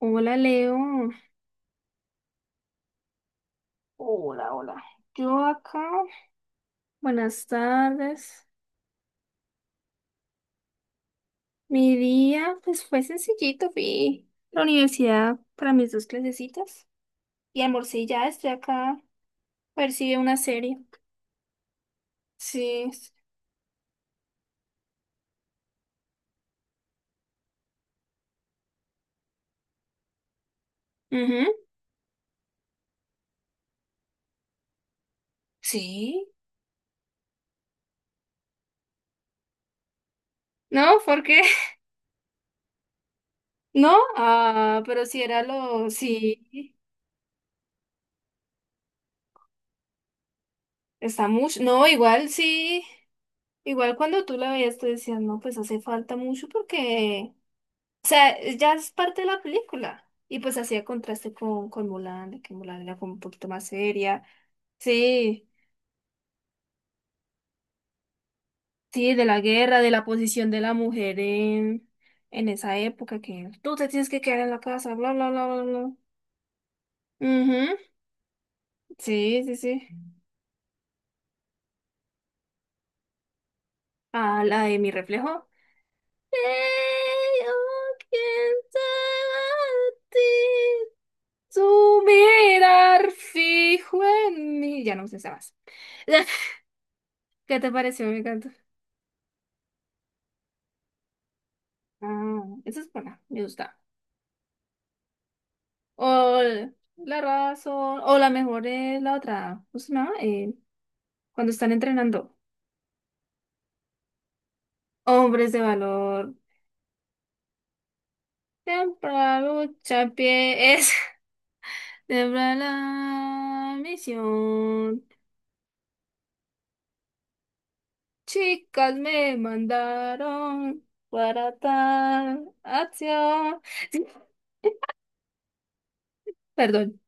Hola Leo, hola, hola. Yo acá, buenas tardes. Mi día pues fue sencillito, fui a la universidad para mis dos clasecitas y almorcé y ya, estoy acá, a ver si veo una serie. Sí, s- ujú, Sí. No, ¿por qué? No, ah, pero si era lo, sí, está mucho, no, igual sí, igual cuando tú la veías tú decías, no, pues hace falta mucho porque... O sea, ya es parte de la película. Y pues hacía contraste con Mulan, de que Mulan era como un poquito más seria. Sí, sí, de la guerra, de la posición de la mujer en esa época, que tú te tienes que quedar en la casa, bla, bla, bla, bla, bla. Ujú, sí, sí, sí. Ah, la de mi reflejo. Hey, oh, ¿quién te ti? Tu mirar fijo en mí. Ya no sé más. ¿Qué te pareció? Me encantó. Ah, esa es buena, me gusta. La razón, o la mejor es la otra, ¿cómo se llama? Cuando están entrenando. Hombres de valor, siempre la lucha en pie, es siempre la misión. Chicas me mandaron para tal acción. Sí, perdón.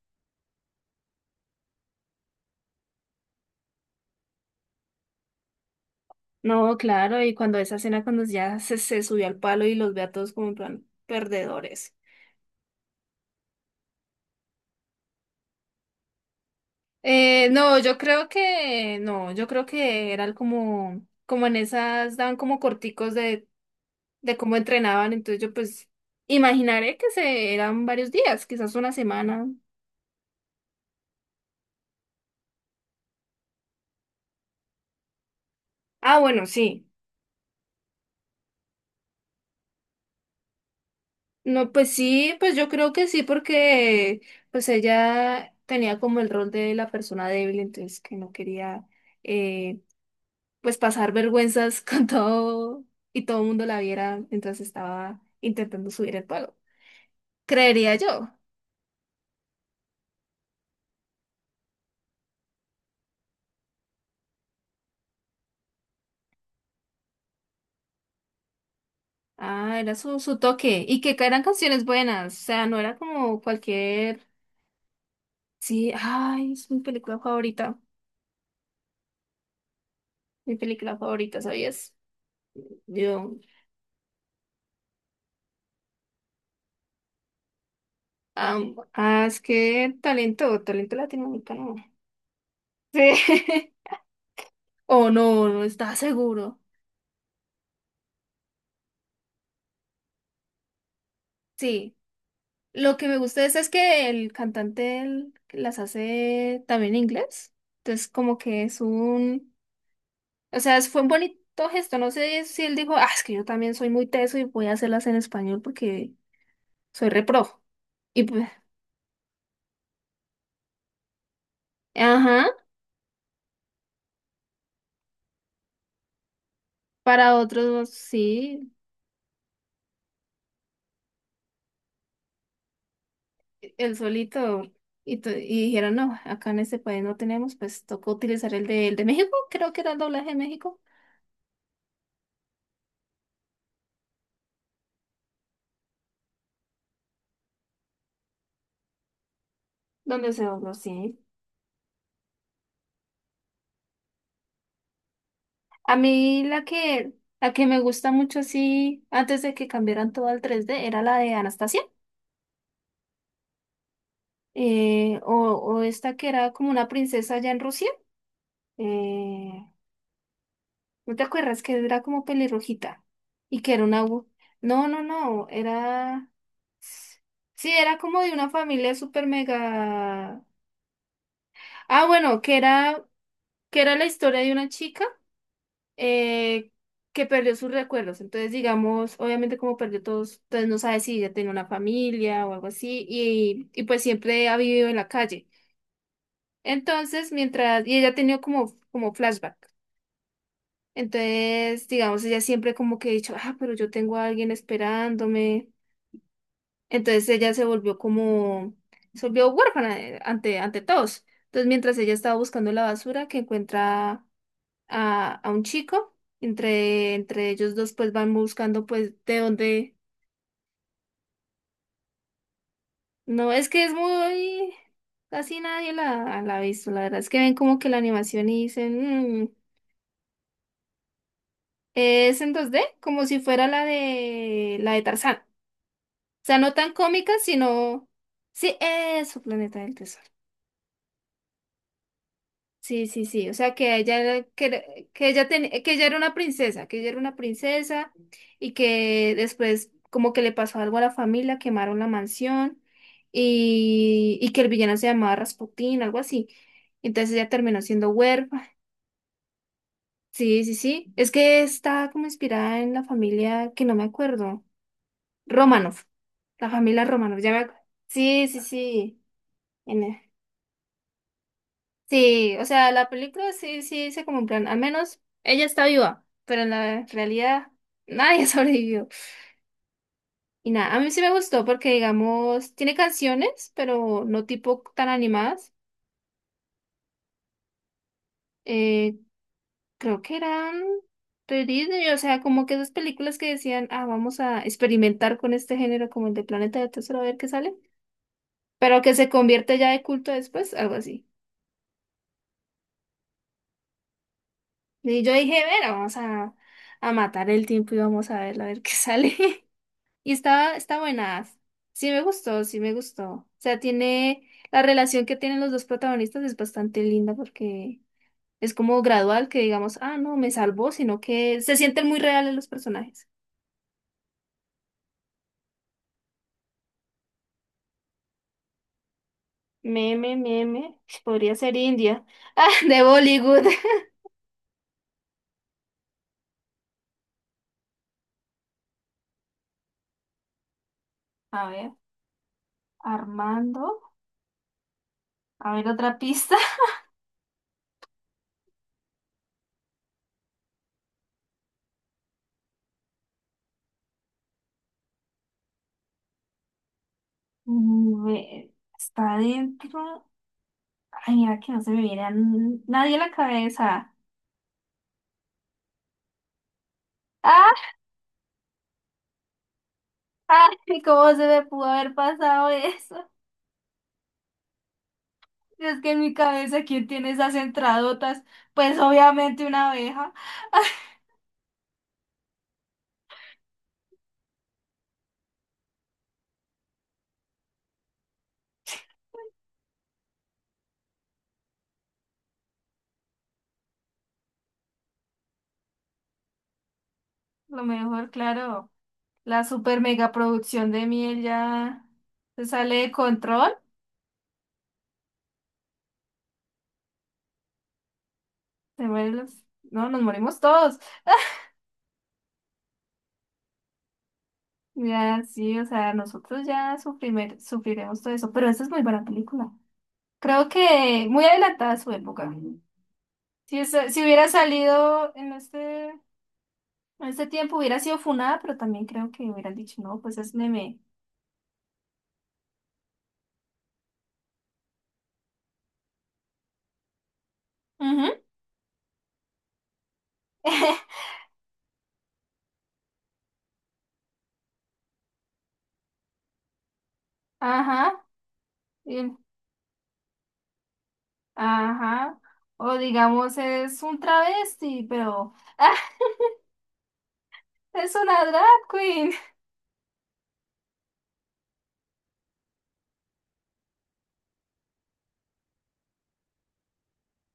No, claro, y cuando esa escena, cuando ya se subió al palo y los ve a todos como en plan perdedores. No, yo creo que no, yo creo que eran como, como en esas, daban como corticos de cómo entrenaban, entonces yo pues imaginaré que se eran varios días, quizás una semana. Ah, bueno, sí. No, pues sí, pues yo creo que sí, porque pues ella tenía como el rol de la persona débil, entonces que no quería eh, pues pasar vergüenzas con todo y todo el mundo la viera mientras estaba intentando subir el pago. Creería yo. Ah, era su toque. Y que eran canciones buenas. O sea, no era como cualquier. Sí, ay, es mi película favorita. Mi película favorita, ¿sabías? Yo. Es que talento, talento latinoamericano. Sí. O no, no estaba seguro. Sí. Lo que me gusta de esa es que el cantante él las hace también en inglés. Entonces, como que es un. O sea, fue un bonito gesto. No sé si él dijo, ah, es que yo también soy muy teso y voy a hacerlas en español porque soy repro. Y pues, ajá, para otros sí, el solito. Y, y dijeron, no, acá en este país no tenemos, pues tocó utilizar el de México, creo que era el doblaje de México, donde se dobló, sí. A mí la que me gusta mucho, sí, antes de que cambiaran todo al 3D, era la de Anastasia, o esta que era como una princesa allá en Rusia. Eh, ¿No te acuerdas que era como pelirrojita? Y que era una... No, no, no, era... Sí, era como de una familia súper mega... Ah, bueno, que era la historia de una chica eh, que perdió sus recuerdos. Entonces, digamos, obviamente como perdió todos, entonces no sabe si ella tenía una familia o algo así y pues siempre ha vivido en la calle. Entonces, mientras... Y ella ha tenido como, como flashback. Entonces, digamos, ella siempre como que ha dicho, ah, pero yo tengo a alguien esperándome. Entonces ella se volvió como, Se volvió huérfana ante, ante todos. Entonces, mientras ella estaba buscando la basura, que encuentra a un chico, entre ellos dos pues van buscando pues de dónde, no, es que es muy, casi nadie la ha visto, la verdad, es que ven como que la animación y dicen, "Mm". Es en 2D, como si fuera la de Tarzán. Sea, no tan cómica, sino... Sí, eso, Planeta del Tesoro. Sí, sí, sí. O sea, que ella era una princesa, y que después como que le pasó algo a la familia, quemaron la mansión y que el villano se llamaba Rasputín, algo así. Entonces ella terminó siendo huérfana. Sí, sí, sí. Es que está como inspirada en la familia que no me acuerdo. Romanov. La familia Romanov. Sí, sí, sí. En- e Sí, o sea, la película sí, sí dice como en plan, al menos ella está viva, pero en la realidad nadie sobrevivió. Y nada, a mí sí me gustó porque, digamos, tiene canciones, pero no tipo tan animadas. Eh, Creo que eran de Disney, o sea, como que esas películas que decían, ah, vamos a experimentar con este género como el de Planeta de Tesoro a ver qué sale, pero que se convierte ya de culto después, algo así. Y yo dije, bueno, vamos a matar el tiempo y vamos a ver qué sale. Y está, está buena. Sí me gustó, sí me gustó. O sea, tiene la relación que tienen los dos protagonistas es bastante linda porque es como gradual que digamos, ah, no, me salvó, sino que se sienten muy reales los personajes. Meme, meme, podría ser India. Ah, de Bollywood. A ver, Armando. A ver, otra pista. Mm, ve- Está adentro. Ay, mira que no se me viene a nadie a la cabeza. Ah, ay, ¿cómo se me pudo haber pasado eso? Es que en mi cabeza, ¿quién tiene esas entradotas? Pues obviamente una abeja. Lo mejor, claro, la super mega producción de miel ya se sale de control. Se mueren los- No, nos morimos todos. Ya, sí, o sea, nosotros ya sufriremos todo eso. Pero esa es muy buena película. Creo que muy adelantada a su época. Si, si hubiera salido en este tiempo, hubiera sido funada, pero también creo que hubieran dicho, no, pues es meme. Ujú. Ajá. Bien, ajá. O digamos, es un travesti, pero ¡ah! Es una drag queen.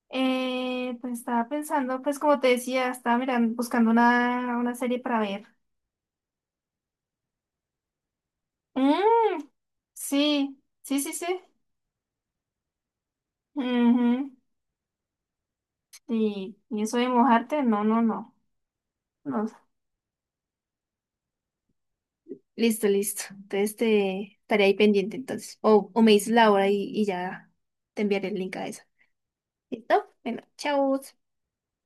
Pues estaba pensando, pues como te decía, estaba mirando, buscando una serie para ver. Mm, sí, sí, sí, sí. Ujú. Y eso de mojarte, no, no, no. No. Listo, listo. Entonces te estaré ahí pendiente entonces. O me dices la hora y ya te enviaré el link a esa. ¿Listo? Bueno, chao.